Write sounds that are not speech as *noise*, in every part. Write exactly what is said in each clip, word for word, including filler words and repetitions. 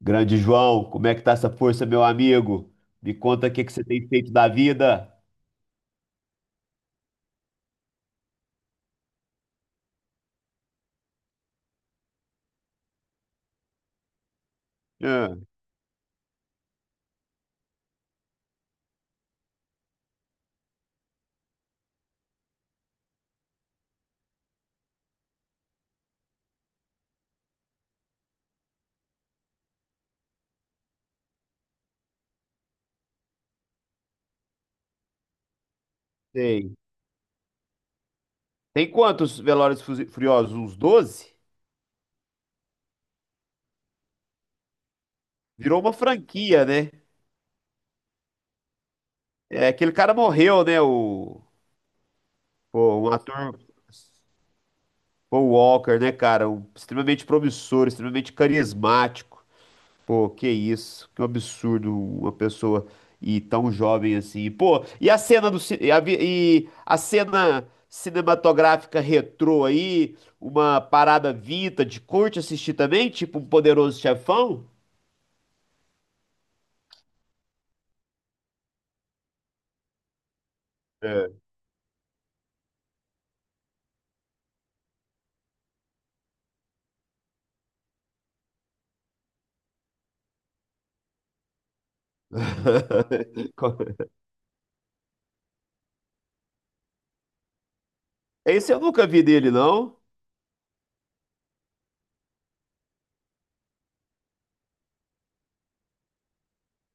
Grande João, como é que tá essa força, meu amigo? Me conta o que que você tem feito da vida. Ah, sei. Tem quantos Velozes e Fu- Furiosos? Uns doze? Virou uma franquia, né? É, aquele cara morreu, né? O, pô, um ator, Paul Walker, né, cara? Um extremamente promissor, extremamente carismático. Pô, que isso, que um absurdo uma pessoa e tão jovem assim. Pô, e a cena do ci- e a, vi- e a cena cinematográfica retrô aí, uma parada vintage, curte assistir também, tipo um Poderoso Chefão? É. *laughs* Esse eu nunca vi dele, não.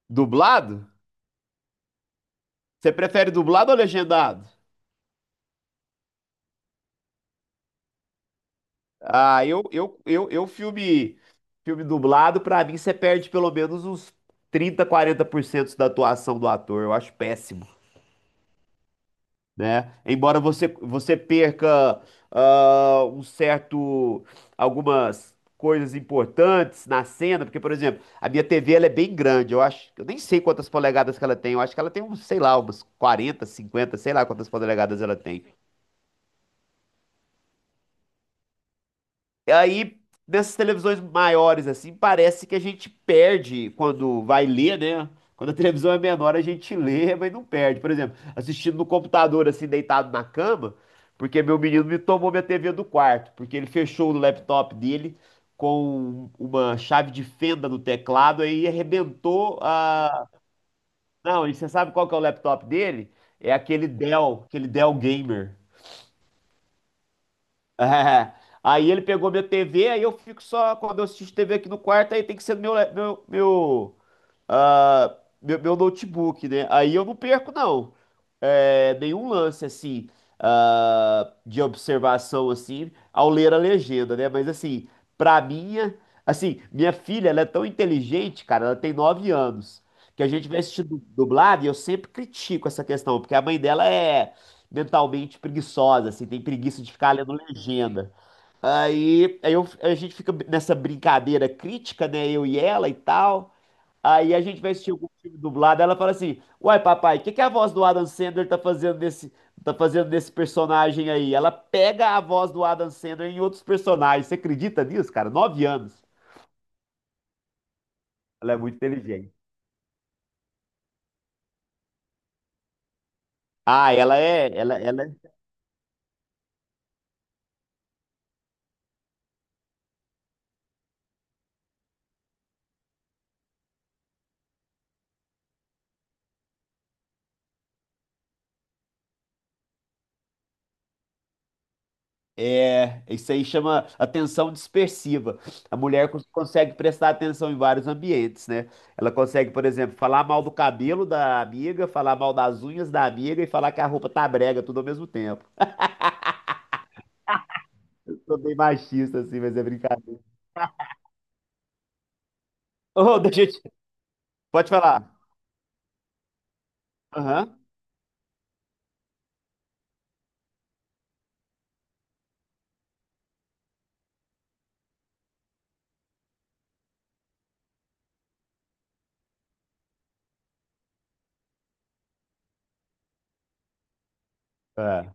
Dublado? Você prefere dublado ou legendado? Ah, eu, eu, eu, eu filme, Filme dublado, pra mim você perde pelo menos uns trinta, quarenta por cento da atuação do ator. Eu acho péssimo, né? Embora você, você perca ah, um certo, algumas coisas importantes na cena, porque, por exemplo, a minha tê vê ela é bem grande. Eu acho, eu nem sei quantas polegadas que ela tem. Eu acho que ela tem uns, sei lá, umas quarenta, cinquenta, sei lá quantas polegadas ela tem. E Aí, nessas televisões maiores, assim, parece que a gente perde quando vai ler, né? Quando a *laughs* televisão é menor, a gente lê, mas não perde. Por exemplo, assistindo no computador, assim, deitado na cama, porque meu menino me tomou minha tê vê do quarto, porque ele fechou o laptop dele com uma chave de fenda no teclado aí arrebentou a. Não, e você sabe qual que é o laptop dele? É aquele Dell, aquele Dell Gamer. É. Aí ele pegou minha tê vê, aí eu fico só, quando eu assisto tê vê aqui no quarto, aí tem que ser no meu, le- meu, meu, ah, meu, meu notebook, né? Aí eu não perco, não. É, nenhum lance, assim, ah, de observação, assim, ao ler a legenda, né? Mas, assim, pra minha... Assim, minha filha, ela é tão inteligente, cara, ela tem nove anos, que a gente vai assistir du- dublado e eu sempre critico essa questão, porque a mãe dela é mentalmente preguiçosa, assim, tem preguiça de ficar lendo legenda. Aí, aí eu- a gente fica nessa brincadeira crítica, né? Eu e ela e tal. Aí a gente vai assistir algum filme dublado, ela fala assim: Uai, papai, o que que a voz do Adam Sandler tá fazendo nesse, tá fazendo nesse personagem aí? Ela pega a voz do Adam Sandler em outros personagens. Você acredita nisso, cara? Nove anos. Ela é muito inteligente. Ah, ela é, ela, ela é, é, Isso aí chama atenção dispersiva. A mulher cons- consegue prestar atenção em vários ambientes, né? Ela consegue, por exemplo, falar mal do cabelo da amiga, falar mal das unhas da amiga e falar que a roupa tá brega, tudo ao mesmo tempo. Sou bem machista, assim, mas é brincadeira. Ô, deixa eu te... *laughs* Pode falar. Aham. É.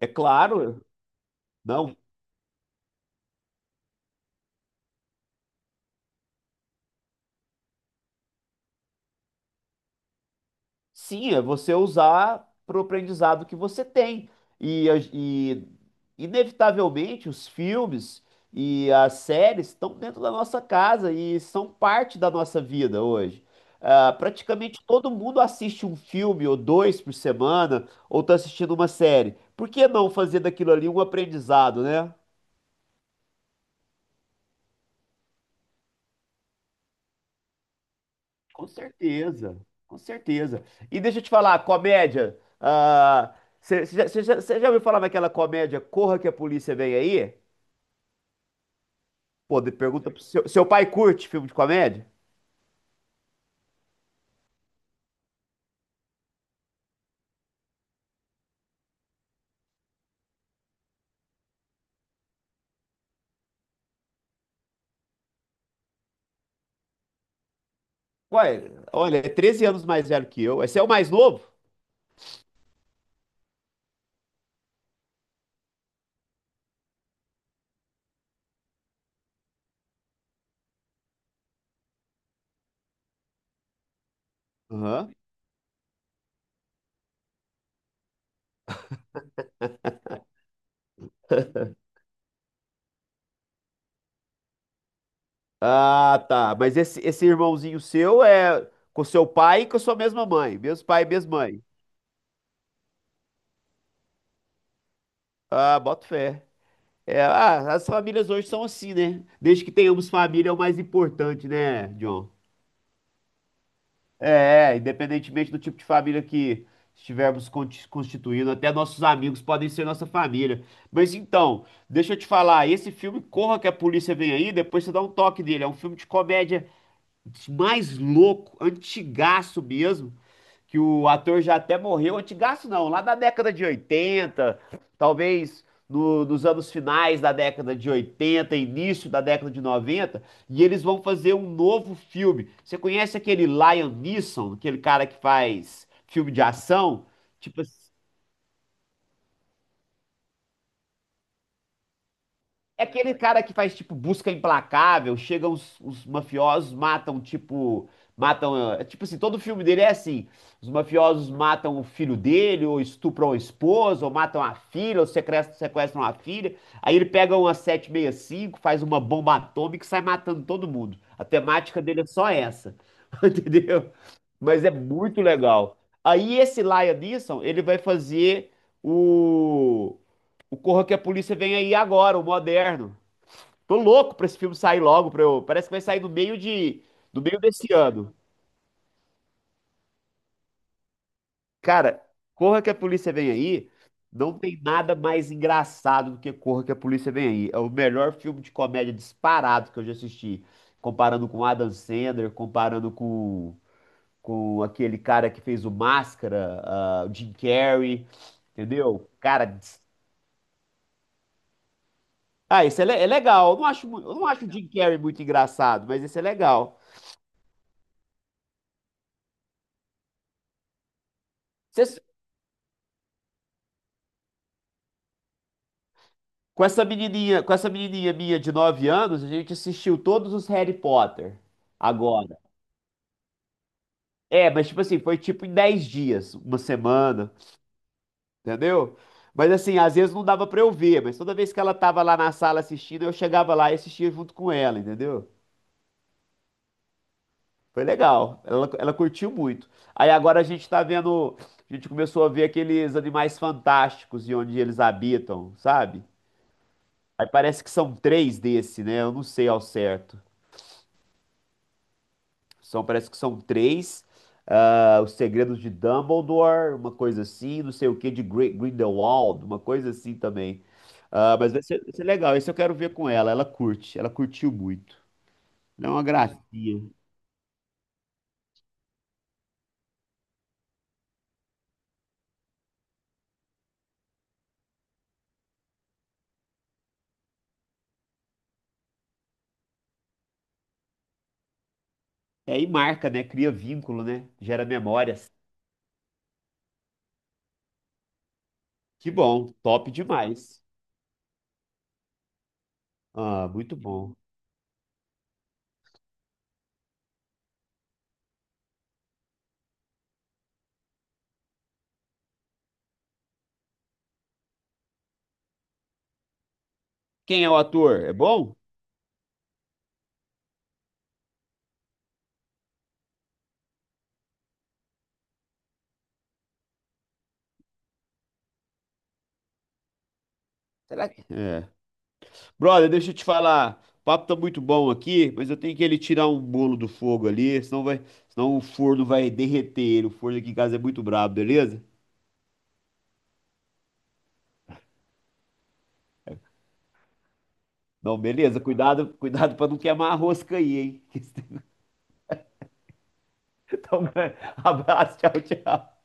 É claro. Não. Sim, é você usar pro aprendizado que você tem. E, a- e inevitavelmente, os filmes e as séries estão dentro da nossa casa e são parte da nossa vida hoje. Ah, praticamente todo mundo assiste um filme ou dois por semana, ou está assistindo uma série. Por que não fazer daquilo ali um aprendizado, né? Com certeza, com certeza. E deixa eu te falar, comédia. ah, Você já, você já- você já ouviu falar naquela comédia Corra que a Polícia Vem Aí? Pô, de- pergunta pro seu, seu pai curte filme de comédia? Ué, olha, é treze anos mais velho que eu. Esse é o mais novo? Aham. Ah, tá. Mas esse, esse irmãozinho seu é com seu pai e com a sua mesma mãe. Mesmo pai, mesma mãe. Ah, boto fé. É, ah, as famílias hoje são assim, né? Desde que tenhamos família é o mais importante, né, John? É, independentemente do tipo de família que estivermos conti- constituindo, até nossos amigos podem ser nossa família. Mas então, deixa eu te falar, esse filme Corra que a Polícia Vem Aí, depois você dá um toque dele. É um filme de comédia mais louco, antigaço mesmo que o ator já até morreu, antigaço não, lá da década de oitenta talvez no- nos anos finais da década de oitenta início da década de noventa e eles vão fazer um novo filme. Você conhece aquele Liam Neeson, aquele cara que faz filme de ação? Tipo assim. É aquele cara que faz, tipo, busca implacável, chegam os, os mafiosos, matam, tipo, matam, é, tipo assim, todo filme dele é assim, os mafiosos matam o filho dele, ou estupram a esposa, ou matam a filha, ou sequestram, sequestram a filha, aí ele pega uma sete meia cinco, faz uma bomba atômica e sai matando todo mundo. A temática dele é só essa, *laughs* entendeu? Mas é muito legal. Aí esse Liam Neeson, ele vai fazer o, o Corra que a Polícia Vem Aí Agora, o moderno. Tô louco pra esse filme sair logo, pra eu... Parece que vai sair no meio de... no meio desse ano. Cara, Corra que a Polícia Vem Aí não tem nada mais engraçado do que Corra que a Polícia Vem Aí. É o melhor filme de comédia disparado que eu já assisti. Comparando com Adam Sandler, comparando com, com aquele cara que fez o Máscara, ah, o Jim Carrey, entendeu? Cara, dis- ah, esse é, le- é legal. Eu não acho, mu- eu não acho o Jim Carrey muito engraçado, mas esse é legal. Você Com essa menininha, com essa menininha minha de nove anos, a gente assistiu todos os Harry Potter agora. É, mas tipo assim, foi tipo em dez dias, uma semana, entendeu? Mas assim, às vezes não dava pra eu ver, mas toda vez que ela tava lá na sala assistindo, eu chegava lá e assistia junto com ela, entendeu? Foi legal, ela, ela curtiu muito. Aí agora a gente tá vendo, a gente começou a ver aqueles animais fantásticos e onde eles habitam, sabe? Aí parece que são três desse, né? Eu não sei ao certo. São, parece que são três. ah, Os Segredos de Dumbledore, uma coisa assim, não sei o que, de Gri- Grindelwald, uma coisa assim também. Ah, mas vai ser, vai ser legal, esse eu quero ver com ela. Ela curte, ela curtiu muito. Ela é uma gracinha. É, e marca, né? Cria vínculo, né? Gera memórias. Que bom, top demais. Ah, muito bom. Quem é o ator? É bom? Será que... É. Brother, deixa eu te falar. O papo tá muito bom aqui, mas eu tenho que ele tirar um bolo do fogo ali, senão vai, senão o forno vai derreter ele. O forno aqui em casa é muito brabo, beleza? Não, beleza. Cuidado, cuidado para não queimar a rosca aí, hein? *laughs* Então, abraço, tchau, tchau.